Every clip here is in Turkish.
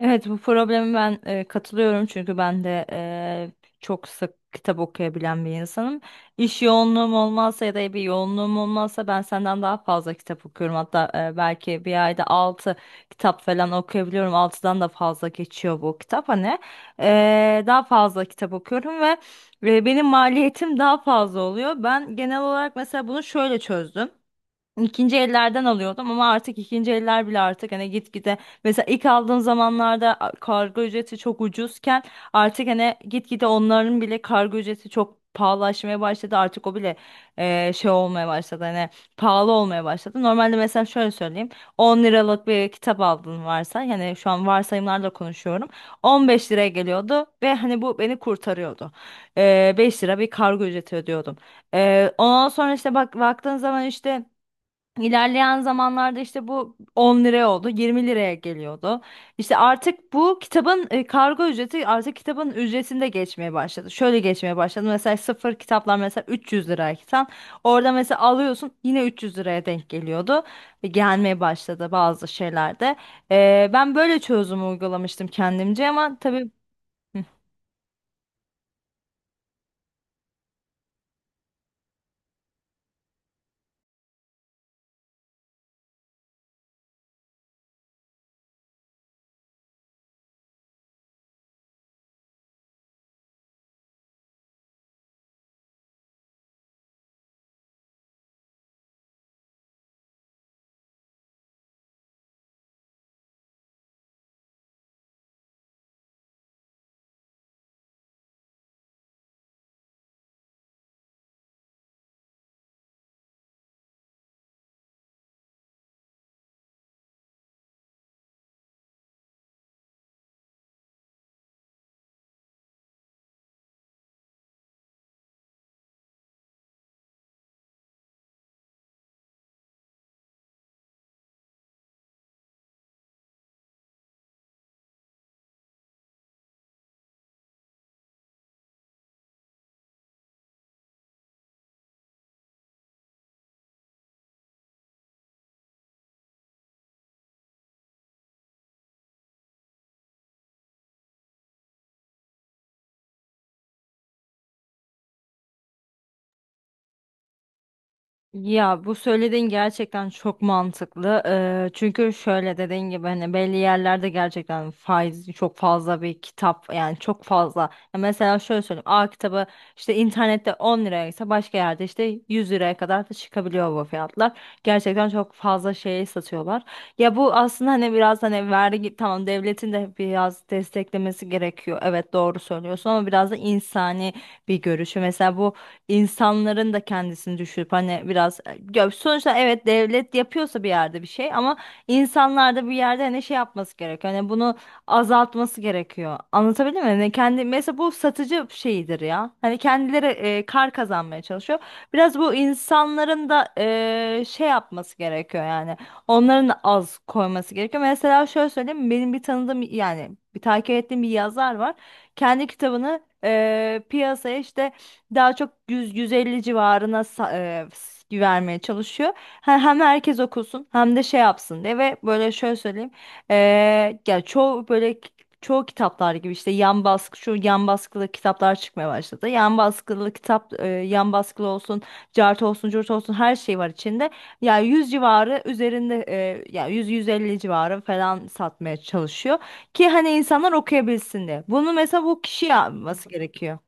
Evet bu problemi ben katılıyorum, çünkü ben de çok sık kitap okuyabilen bir insanım. İş yoğunluğum olmazsa ya da bir yoğunluğum olmazsa ben senden daha fazla kitap okuyorum. Hatta belki bir ayda 6 kitap falan okuyabiliyorum. 6'dan da fazla geçiyor bu kitap hani. Daha fazla kitap okuyorum ve benim maliyetim daha fazla oluyor. Ben genel olarak mesela bunu şöyle çözdüm. İkinci ellerden alıyordum, ama artık ikinci eller bile artık hani gitgide, mesela ilk aldığım zamanlarda kargo ücreti çok ucuzken artık hani gitgide onların bile kargo ücreti çok pahalılaşmaya başladı. Artık o bile e, şey olmaya başladı hani pahalı olmaya başladı. Normalde mesela şöyle söyleyeyim, 10 liralık bir kitap aldın varsa, yani şu an varsayımlarla konuşuyorum, 15 liraya geliyordu ve hani bu beni kurtarıyordu. 5 lira bir kargo ücreti ödüyordum. Ondan sonra işte bak, baktığın zaman işte İlerleyen zamanlarda işte bu 10 liraya oldu, 20 liraya geliyordu. İşte artık bu kitabın kargo ücreti artık kitabın ücretinde geçmeye başladı. Şöyle geçmeye başladı: mesela sıfır kitaplar mesela 300 lirayken orada mesela alıyorsun, yine 300 liraya denk geliyordu. Gelmeye başladı bazı şeylerde. Ben böyle çözüm uygulamıştım kendimce, ama tabii. Ya bu söylediğin gerçekten çok mantıklı. Çünkü şöyle, dediğin gibi hani belli yerlerde gerçekten faiz çok fazla bir kitap, yani çok fazla. Ya mesela şöyle söyleyeyim. A kitabı işte internette 10 liraya ise başka yerde işte 100 liraya kadar da çıkabiliyor bu fiyatlar. Gerçekten çok fazla şey satıyorlar. Ya bu aslında hani biraz hani vergi, tamam devletin de biraz desteklemesi gerekiyor, evet doğru söylüyorsun, ama biraz da insani bir görüşü. Mesela bu insanların da kendisini düşürüp hani biraz, ya sonuçta evet devlet yapıyorsa bir yerde bir şey, ama insanlar da bir yerde hani şey yapması gerekiyor. Hani bunu azaltması gerekiyor. Anlatabildim mi? Hani kendi mesela bu satıcı şeyidir ya. Hani kendileri kar kazanmaya çalışıyor. Biraz bu insanların da şey yapması gerekiyor yani. Onların da az koyması gerekiyor. Mesela şöyle söyleyeyim. Benim bir tanıdığım, yani bir takip ettiğim bir yazar var. Kendi kitabını piyasaya işte daha çok 100-150 civarına vermeye çalışıyor. Hem herkes okusun hem de şey yapsın diye. Ve böyle şöyle söyleyeyim. E, Ya çoğu böyle çoğu kitaplar gibi işte yan baskı, şu yan baskılı kitaplar çıkmaya başladı. Yan baskılı kitap yan baskılı olsun, cart olsun, curt olsun, her şey var içinde. Yani 100 civarı üzerinde yani 100-150 civarı falan satmaya çalışıyor ki hani insanlar okuyabilsin diye. Bunu mesela bu kişi yapması gerekiyor.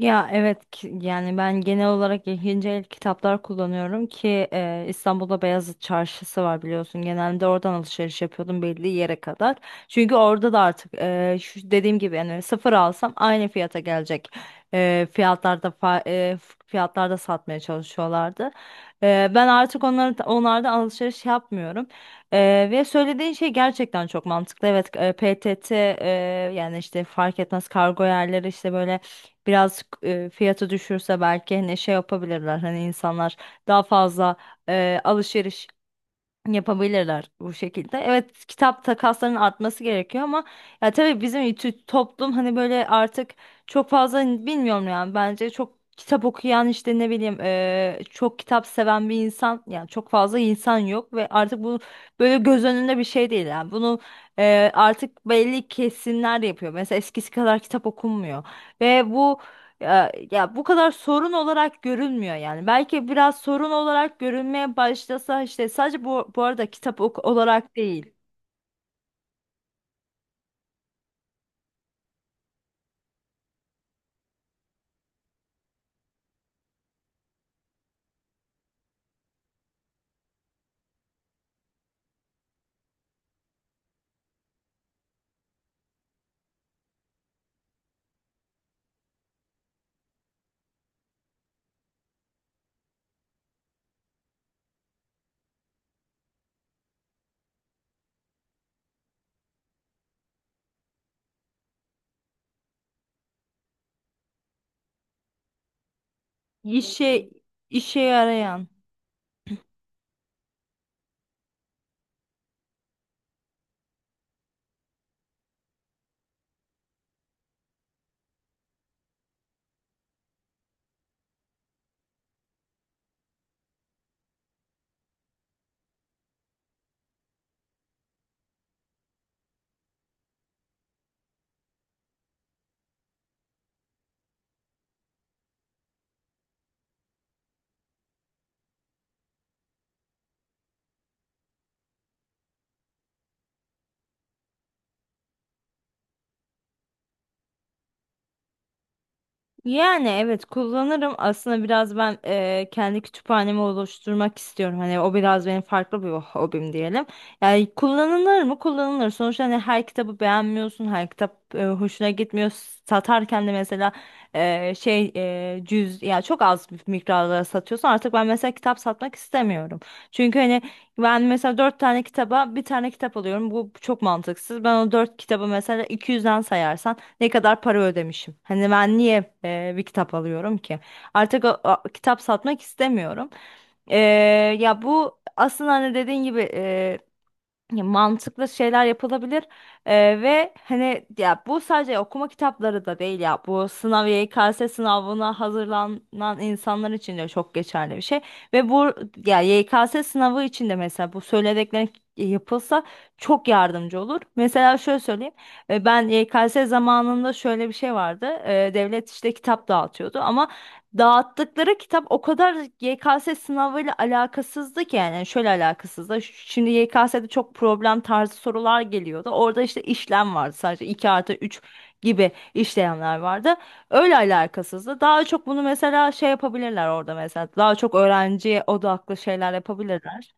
Ya evet, yani ben genel olarak ikinci el kitaplar kullanıyorum ki İstanbul'da Beyazıt Çarşısı var, biliyorsun. Genelde oradan alışveriş yapıyordum belli yere kadar. Çünkü orada da artık şu dediğim gibi yani sıfır alsam aynı fiyata gelecek. E, fiyatlarda fa- e, fiyatlarda satmaya çalışıyorlardı. Ben artık onlardan alışveriş yapmıyorum. Ve söylediğin şey gerçekten çok mantıklı. Evet, PTT yani işte fark etmez, kargo yerleri işte böyle biraz fiyatı düşürse belki hani şey yapabilirler, hani insanlar daha fazla alışveriş yapabilirler bu şekilde. Evet, kitap takaslarının artması gerekiyor, ama ya tabii bizim toplum hani böyle artık çok fazla hani bilmiyorum yani, bence çok kitap okuyan işte ne bileyim çok kitap seven bir insan, yani çok fazla insan yok ve artık bu böyle göz önünde bir şey değil yani. Bunu artık belli kesimler yapıyor. Mesela eskisi kadar kitap okunmuyor ve bu, ya bu kadar sorun olarak görünmüyor yani. Belki biraz sorun olarak görünmeye başlasa işte, sadece bu, bu arada kitap olarak değil. İşe işe yarayan. Yani evet kullanırım. Aslında biraz ben kendi kütüphanemi oluşturmak istiyorum. Hani o biraz benim farklı bir hobim diyelim. Yani kullanılır mı? Kullanılır. Sonuçta hani her kitabı beğenmiyorsun, her kitap hoşuna gitmiyor. Satarken de mesela cüz, ya çok az bir miktarlara satıyorsun. Artık ben mesela kitap satmak istemiyorum. Çünkü hani ben mesela dört tane kitaba bir tane kitap alıyorum. Bu çok mantıksız. Ben o dört kitabı mesela 200'den sayarsam ne kadar para ödemişim. Hani ben niye bir kitap alıyorum ki? Artık o kitap satmak istemiyorum. E, Ya bu aslında hani dediğin gibi, ya mantıklı şeyler yapılabilir. Ve hani ya bu sadece okuma kitapları da değil, ya bu sınav, YKS sınavına hazırlanan insanlar için de çok geçerli bir şey ve bu, ya YKS sınavı için de mesela bu söylediklerin yapılsa çok yardımcı olur. Mesela şöyle söyleyeyim. Ben YKS zamanında, şöyle bir şey vardı. E, devlet işte kitap dağıtıyordu ama dağıttıkları kitap o kadar YKS sınavıyla alakasızdı ki, yani şöyle alakasızdı. Şimdi YKS'de çok problem tarzı sorular geliyordu. Orada işte işlem vardı, sadece 2 artı üç gibi işlemler vardı. Öyle alakasızdı. Daha çok bunu mesela şey yapabilirler orada mesela. Daha çok öğrenciye odaklı şeyler yapabilirler.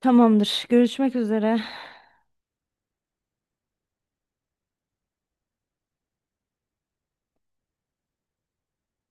Tamamdır. Görüşmek üzere.